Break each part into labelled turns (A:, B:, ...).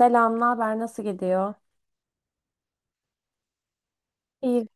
A: Selam, ne haber? Nasıl gidiyor? İyi.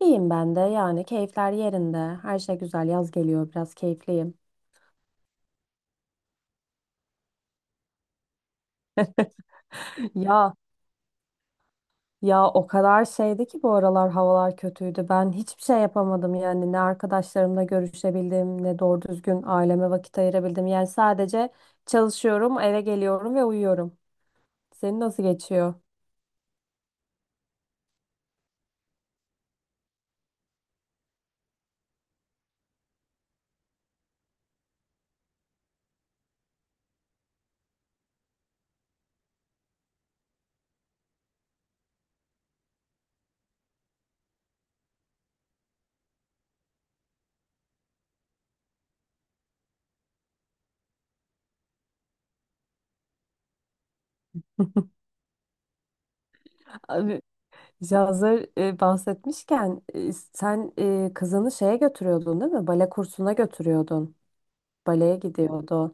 A: İyiyim ben de. Yani keyifler yerinde. Her şey güzel. Yaz geliyor. Biraz keyifliyim. Ya ya, o kadar şeydi ki bu aralar havalar kötüydü. Ben hiçbir şey yapamadım yani. Ne arkadaşlarımla görüşebildim, ne doğru düzgün aileme vakit ayırabildim. Yani sadece çalışıyorum, eve geliyorum ve uyuyorum. Senin nasıl geçiyor? Abi, hazır bahsetmişken sen kızını şeye götürüyordun değil mi? Bale kursuna götürüyordun. Baleye gidiyordu.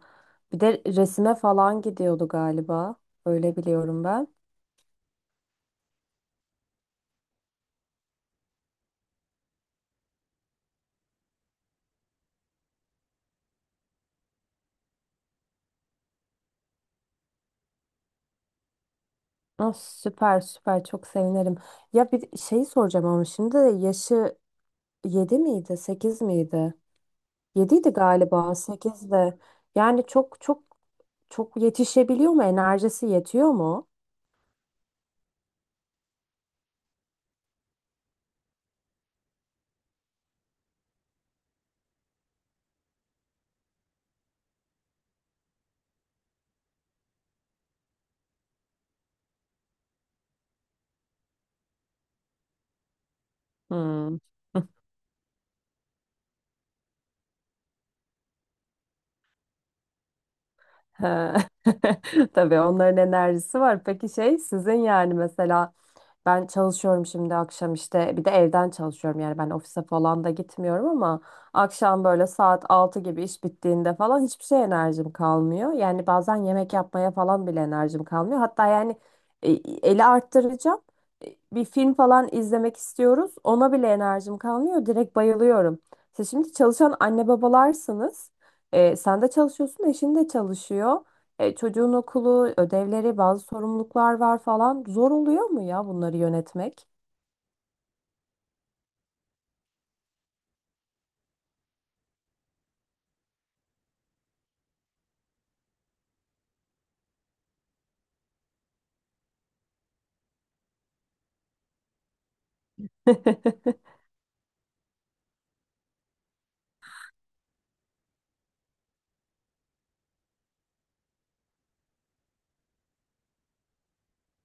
A: Bir de resime falan gidiyordu galiba. Öyle biliyorum ben. Ah, süper süper çok sevinirim. Ya bir şey soracağım ama şimdi de yaşı 7 miydi, sekiz miydi? Yediydi galiba 8'de. Yani çok çok çok yetişebiliyor mu? Enerjisi yetiyor mu? Hmm. He. Tabii onların enerjisi var. Peki şey sizin yani mesela ben çalışıyorum şimdi akşam işte bir de evden çalışıyorum yani ben ofise falan da gitmiyorum ama akşam böyle saat 6 gibi iş bittiğinde falan hiçbir şey enerjim kalmıyor. Yani bazen yemek yapmaya falan bile enerjim kalmıyor. Hatta yani e, eli arttıracağım. Bir film falan izlemek istiyoruz. Ona bile enerjim kalmıyor. Direkt bayılıyorum. Siz şimdi çalışan anne babalarsınız. E, sen de çalışıyorsun, eşin de çalışıyor. E, çocuğun okulu, ödevleri, bazı sorumluluklar var falan. Zor oluyor mu ya bunları yönetmek?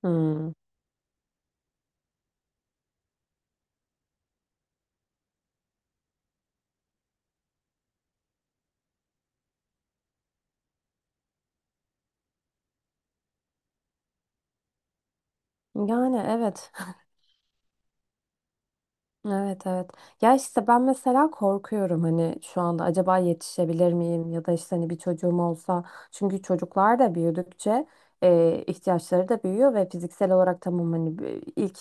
A: Hmm. Yani evet. Evet, evet. Ya işte ben mesela korkuyorum hani şu anda acaba yetişebilir miyim ya da işte hani bir çocuğum olsa. Çünkü çocuklar da büyüdükçe ihtiyaçları da büyüyor ve fiziksel olarak tamam hani ilk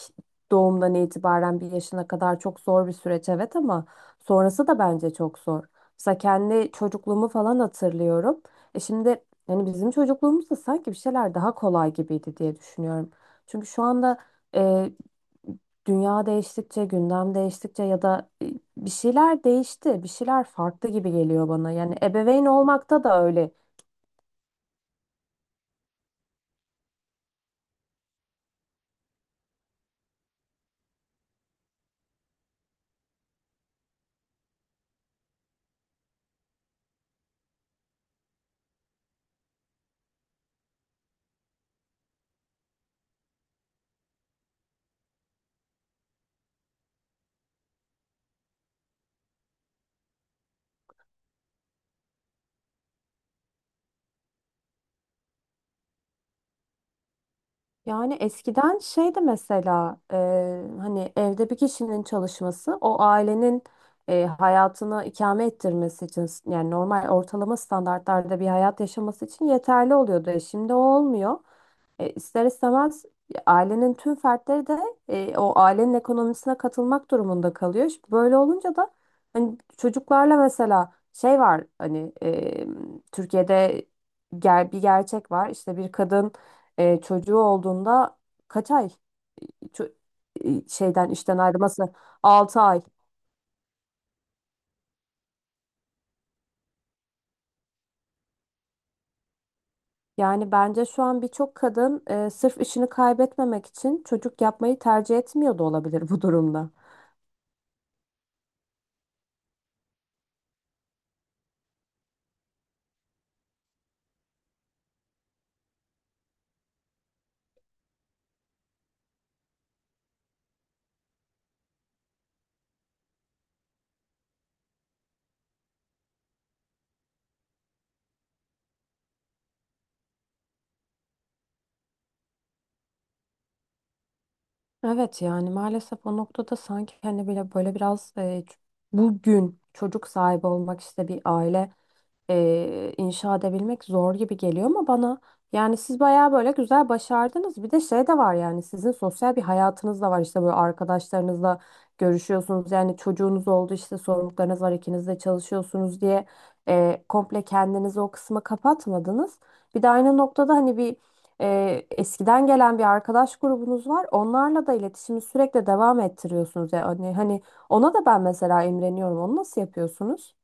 A: doğumdan itibaren bir yaşına kadar çok zor bir süreç evet ama sonrası da bence çok zor. Mesela kendi çocukluğumu falan hatırlıyorum. E şimdi hani bizim çocukluğumuzda sanki bir şeyler daha kolay gibiydi diye düşünüyorum. Çünkü şu anda e, dünya değiştikçe, gündem değiştikçe ya da bir şeyler değişti, bir şeyler farklı gibi geliyor bana. Yani ebeveyn olmakta da öyle. Yani eskiden şeydi mesela hani evde bir kişinin çalışması o ailenin hayatını ikame ettirmesi için yani normal ortalama standartlarda bir hayat yaşaması için yeterli oluyordu. E, şimdi o olmuyor. E, ister istemez ailenin tüm fertleri de o ailenin ekonomisine katılmak durumunda kalıyor. Şimdi böyle olunca da hani çocuklarla mesela şey var hani Türkiye'de bir gerçek var. İşte bir kadın çocuğu olduğunda kaç ay ço- işten ayrılması. 6 ay. Yani bence şu an birçok kadın sırf işini kaybetmemek için çocuk yapmayı tercih etmiyor da olabilir bu durumda. Evet yani maalesef o noktada sanki hani böyle biraz bugün çocuk sahibi olmak işte bir aile inşa edebilmek zor gibi geliyor ama bana yani siz bayağı böyle güzel başardınız. Bir de şey de var yani sizin sosyal bir hayatınız da var işte böyle arkadaşlarınızla görüşüyorsunuz. Yani çocuğunuz oldu işte sorumluluklarınız var ikiniz de çalışıyorsunuz diye komple kendinizi o kısma kapatmadınız. Bir de aynı noktada hani bir eskiden gelen bir arkadaş grubunuz var. Onlarla da iletişimi sürekli devam ettiriyorsunuz. Yani hani ona da ben mesela imreniyorum. Onu nasıl yapıyorsunuz?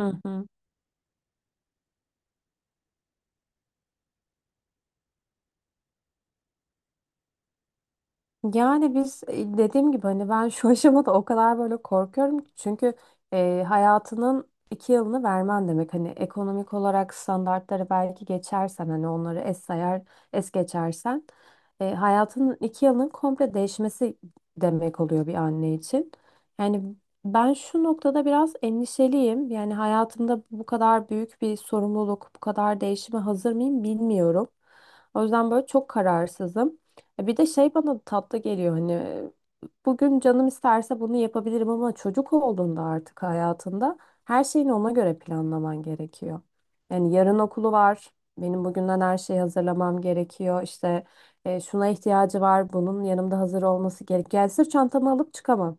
A: Hı hı. Yani biz dediğim gibi hani ben şu aşamada o kadar böyle korkuyorum ki çünkü hayatının iki yılını vermen demek hani ekonomik olarak standartları belki geçersen hani onları es sayar es geçersen hayatının 2 yılının komple değişmesi demek oluyor bir anne için. Yani ben şu noktada biraz endişeliyim yani hayatımda bu kadar büyük bir sorumluluk bu kadar değişime hazır mıyım bilmiyorum. O yüzden böyle çok kararsızım. E, bir de şey bana tatlı geliyor hani bugün canım isterse bunu yapabilirim ama çocuk olduğunda artık hayatında her şeyini ona göre planlaman gerekiyor. Yani yarın okulu var. Benim bugünden her şeyi hazırlamam gerekiyor. İşte şuna ihtiyacı var. Bunun yanımda hazır olması gerekiyor. Yani sırf çantamı alıp çıkamam.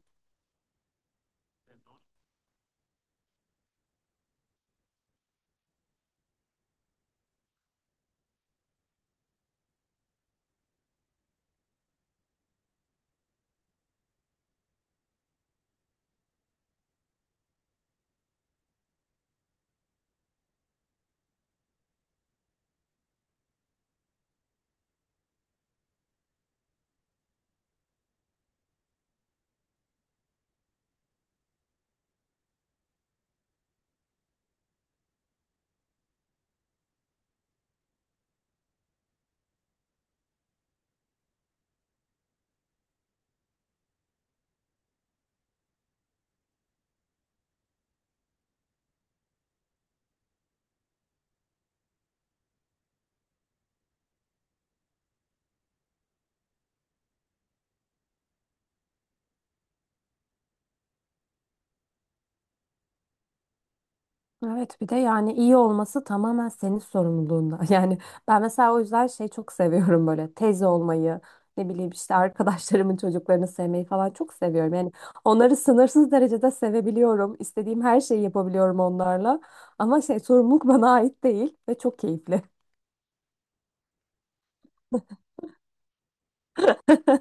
A: Evet bir de yani iyi olması tamamen senin sorumluluğunda. Yani ben mesela o yüzden şey çok seviyorum böyle teyze olmayı, ne bileyim işte arkadaşlarımın çocuklarını sevmeyi falan çok seviyorum. Yani onları sınırsız derecede sevebiliyorum. İstediğim her şeyi yapabiliyorum onlarla. Ama şey sorumluluk bana ait değil ve çok keyifli.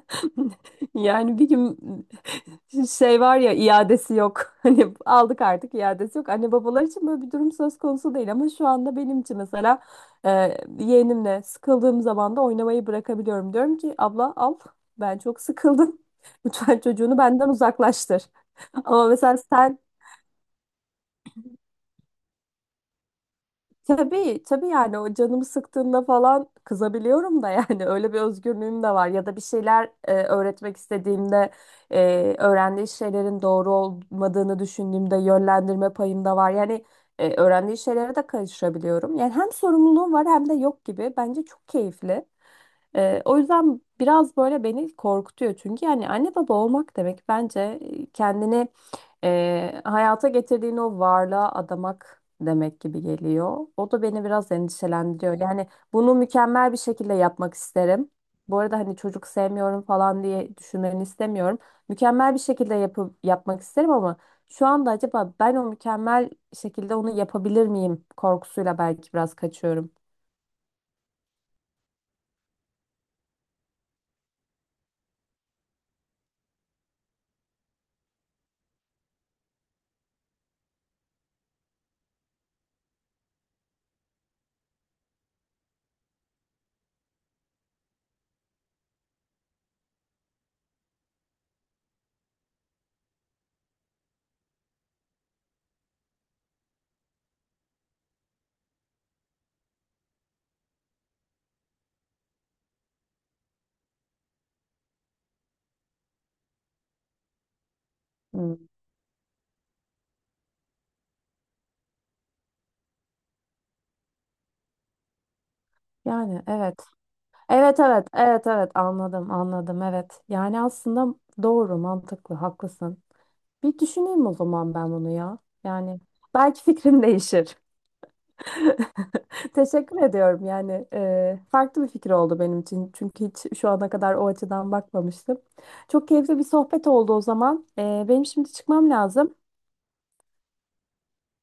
A: Yani bir gün şey var ya iadesi yok. Hani aldık artık iadesi yok. Anne babalar için böyle bir durum söz konusu değil ama şu anda benim için mesela e, yeğenimle sıkıldığım zaman da oynamayı bırakabiliyorum. Diyorum ki abla al ben çok sıkıldım. Lütfen çocuğunu benden uzaklaştır. Ama mesela sen. Tabii, tabii yani o canımı sıktığında falan kızabiliyorum da yani öyle bir özgürlüğüm de var. Ya da bir şeyler öğretmek istediğimde öğrendiği şeylerin doğru olmadığını düşündüğümde yönlendirme payım da var. Yani öğrendiği şeylere de karışabiliyorum. Yani hem sorumluluğum var hem de yok gibi. Bence çok keyifli. E, o yüzden biraz böyle beni korkutuyor çünkü yani anne baba olmak demek bence kendini hayata getirdiğin o varlığa adamak demek gibi geliyor. O da beni biraz endişelendiriyor. Yani bunu mükemmel bir şekilde yapmak isterim. Bu arada hani çocuk sevmiyorum falan diye düşünmeni istemiyorum. Mükemmel bir şekilde yapıp yapmak isterim ama şu anda acaba ben o mükemmel şekilde onu yapabilir miyim korkusuyla belki biraz kaçıyorum. Hmm. Yani evet. Evet, evet, evet, evet, anladım, anladım, evet. Yani aslında doğru mantıklı haklısın. Bir düşüneyim o zaman ben bunu ya. Yani belki fikrim değişir. Teşekkür ediyorum yani farklı bir fikir oldu benim için. Çünkü hiç şu ana kadar o açıdan bakmamıştım. Çok keyifli bir sohbet oldu o zaman. E, benim şimdi çıkmam lazım.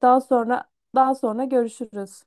A: Daha sonra daha sonra görüşürüz.